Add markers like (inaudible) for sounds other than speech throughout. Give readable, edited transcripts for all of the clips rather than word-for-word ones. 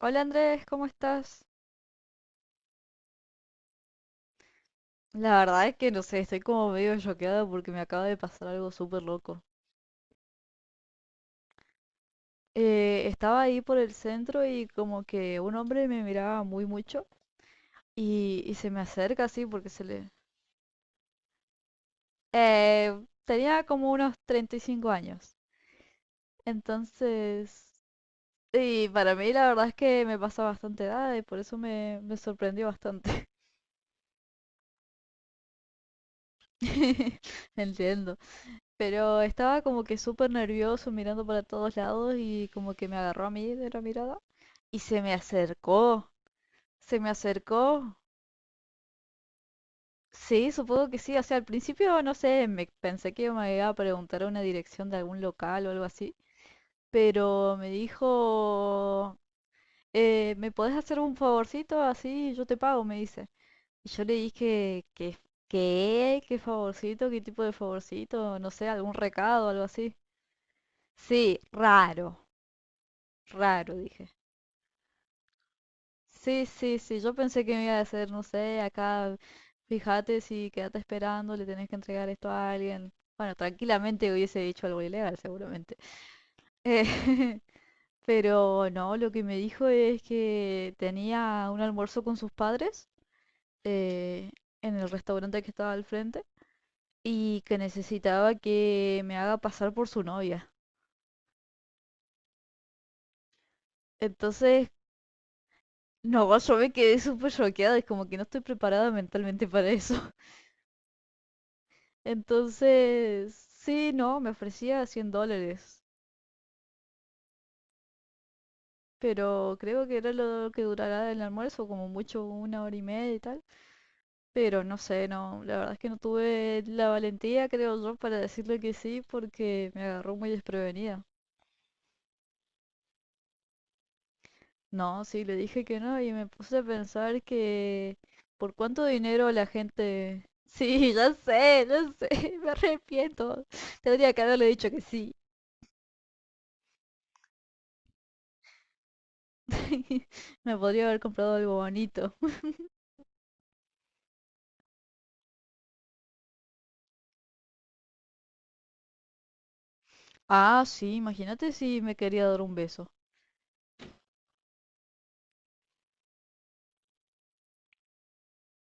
Hola Andrés, ¿cómo estás? La verdad es que no sé, estoy como medio choqueada porque me acaba de pasar algo súper loco. Estaba ahí por el centro y como que un hombre me miraba muy mucho y se me acerca así porque se le... Eh, tenía como unos 35 años. Entonces... Y para mí la verdad es que me pasa bastante edad y por eso me sorprendió bastante. (laughs) Entiendo. Pero estaba como que súper nervioso mirando para todos lados y como que me agarró a mí de la mirada y se me acercó. Sí, supongo que sí. O sea, al principio no sé, me pensé que me iba a preguntar una dirección de algún local o algo así, pero me dijo, ¿me podés hacer un favorcito? Así yo te pago, me dice. Y yo le dije que, ¿qué? ¿Qué favorcito? ¿Qué tipo de favorcito? No sé, algún recado, algo así. Sí, raro. Raro, dije. Sí, sí, sí, yo pensé que me iba a hacer, no sé, acá, fíjate si quédate esperando, le tenés que entregar esto a alguien. Bueno, tranquilamente hubiese dicho algo ilegal, seguramente. Eh, (laughs) pero no, lo que me dijo es que tenía un almuerzo con sus padres eh, en el restaurante que estaba al frente y que necesitaba que me haga pasar por su novia. Entonces, no, yo me quedé súper choqueada, es como que no estoy preparada mentalmente para eso. Entonces, sí, no, me ofrecía $100, pero creo que era lo que durará el almuerzo, como mucho una hora y media y tal. Pero no sé, no, la verdad es que no tuve la valentía, creo yo, para decirle que sí, porque me agarró muy desprevenida. No, sí, le dije que no y me puse a pensar que por cuánto dinero la gente... (laughs) Sí, ya sé, (laughs) me arrepiento. Tendría que haberle dicho que sí. (laughs) Me podría haber comprado algo bonito. Ah, sí, imagínate si me quería dar un beso.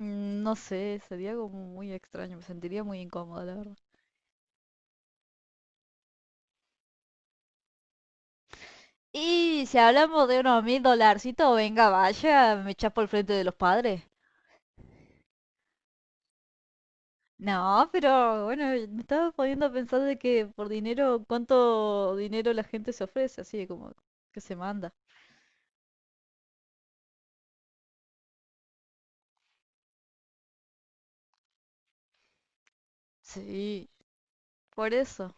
No sé, sería como muy extraño, me sentiría muy incómoda, la verdad. Y si hablamos de unos 1000 dolarcitos, venga, vaya, me chapo al frente de los padres. No, pero bueno, me estaba poniendo a pensar de que por dinero, cuánto dinero la gente se ofrece, así como que se manda. Sí, por eso.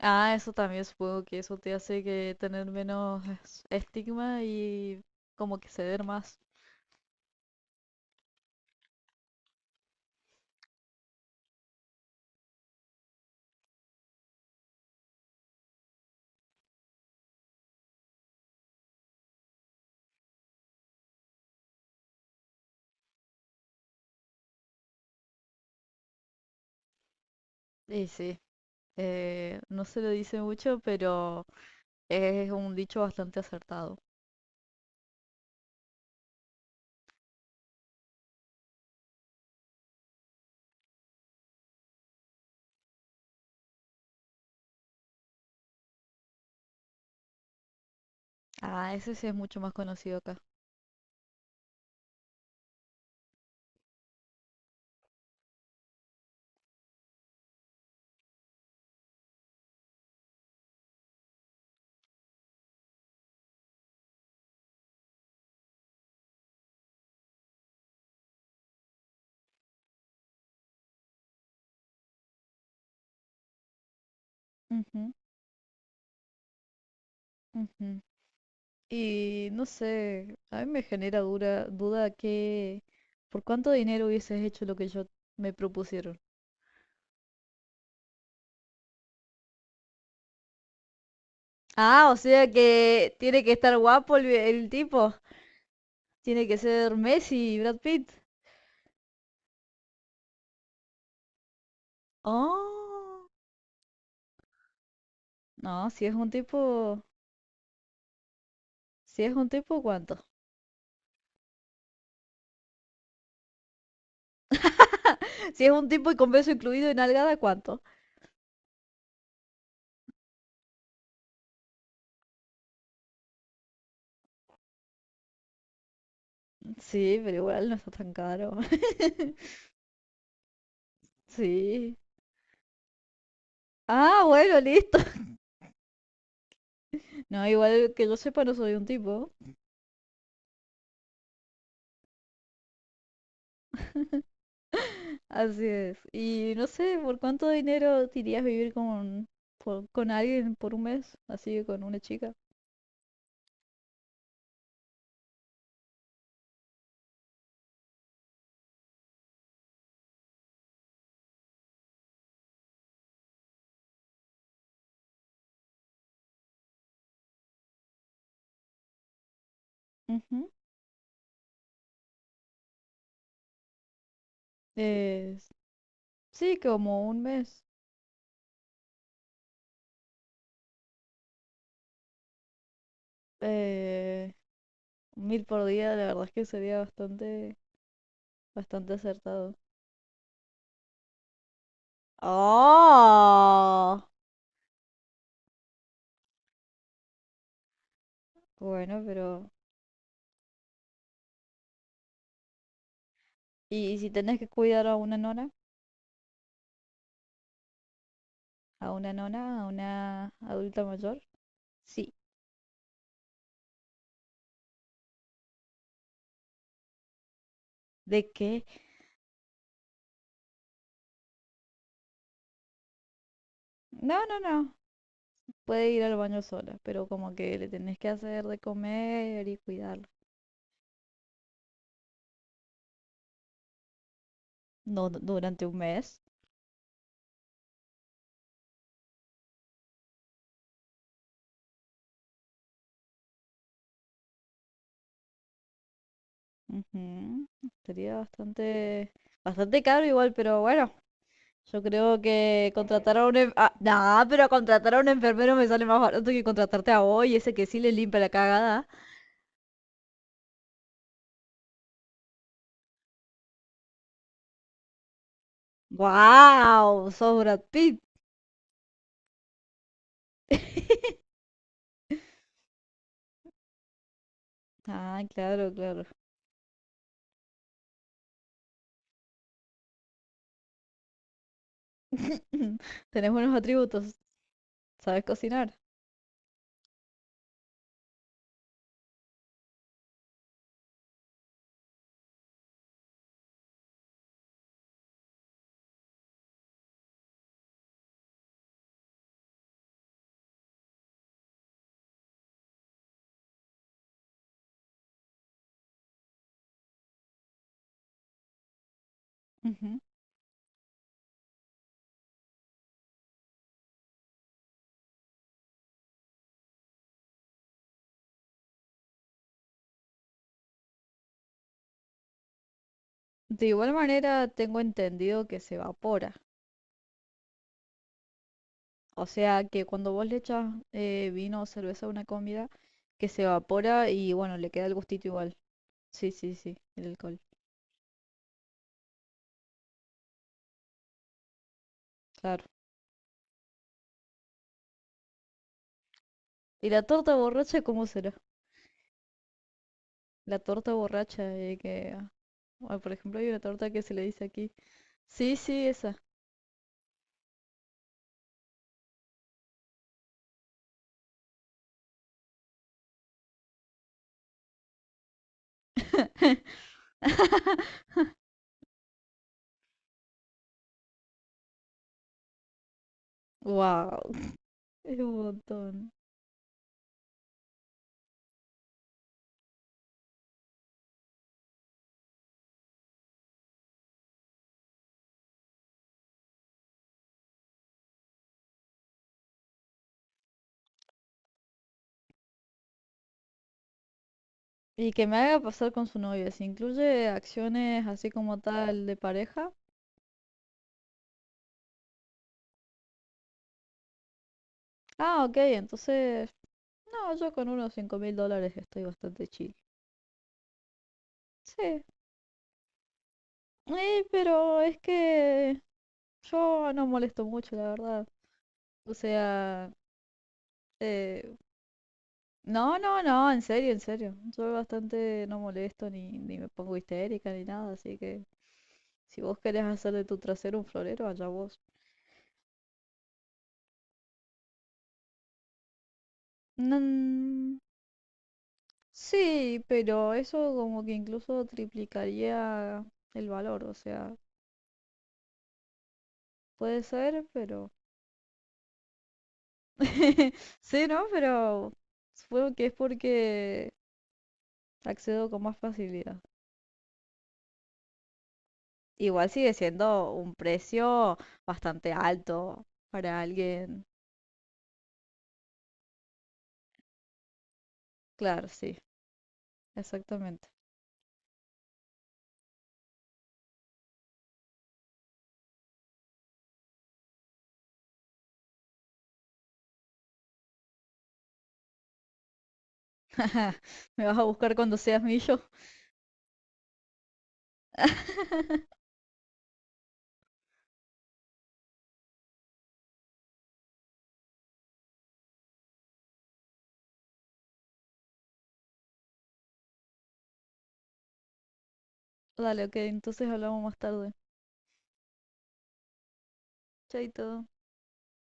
Ah, eso también supongo que eso te hace que tener menos estigma y como que ceder más. Y sí. No se lo dice mucho, pero es un dicho bastante acertado. Ah, ese sí es mucho más conocido acá. Ujú, ujú. Y no sé, a mí me genera dura duda que por cuánto dinero hubieses hecho lo que yo me propusieron. Ah, o sea que tiene que estar guapo el tipo. Tiene que ser Messi y Brad Pitt. Oh, no, si es un tipo, ¿cuánto? (laughs) Si es un tipo y con beso incluido y nalgada, ¿cuánto? Sí, pero igual no está tan caro. (laughs) Sí. Ah, bueno, listo. (laughs) No, igual que yo sepa, no soy un tipo. Así es. Y no sé, ¿por cuánto dinero te irías a vivir con alguien por un mes? Así, con una chica. Ujú. Eh, sí, como un mes. Eh, mil por día, la verdad es que sería bastante, bastante acertado. Oh. Bueno, pero... ¿Y si tenés que cuidar a una nora? A una nona, a una adulta mayor, sí. ¿De qué? No, no, no. Puede ir al baño sola, pero como que le tenés que hacer de comer y cuidarlo. No, durante un mes. Ujú. Sería bastante, bastante caro igual, pero bueno. Yo creo que contratar a un... en- pero contratar a un enfermero me sale más barato que contratarte a vos, y ese que sí le limpia la cagada. ¡Guau! Sos Brad Pitt. Ah, claro, claro. (laughs) Tenés buenos atributos. ¿Sabes cocinar? Ujú. De igual manera, tengo entendido que se evapora. O sea, que cuando vos le echas vino o cerveza a una comida, que se evapora y bueno, le queda el gustito igual. Sí, sí, sí, el alcohol, claro. ¿Y la torta borracha cómo será? La torta borracha, que... Ah, por ejemplo, hay una torta que se le dice aquí. Sí, sí, esa. Wow, (laughs) es un montón. Y que me haga pasar con su novia. Si incluye acciones así como tal de pareja. Ah, ok, entonces... No, yo con unos $5000 estoy bastante chill. Sí. Pero es que yo no molesto mucho, la verdad. O sea, eh, no, no, no, en serio, en serio. Yo bastante no molesto ni me pongo histérica ni nada, así que si vos querés hacer de tu trasero un florero, allá vos. Mm, sí, pero eso como que incluso triplicaría el valor, o sea, puede ser, pero... (laughs) Sí, ¿no? Pero supongo que es porque accedo con más facilidad. Igual sigue siendo un precio bastante alto para alguien. Claro, sí, exactamente. (laughs) Me vas a buscar cuando seas millo. (laughs) Dale, ok, entonces hablamos más tarde. Chaito.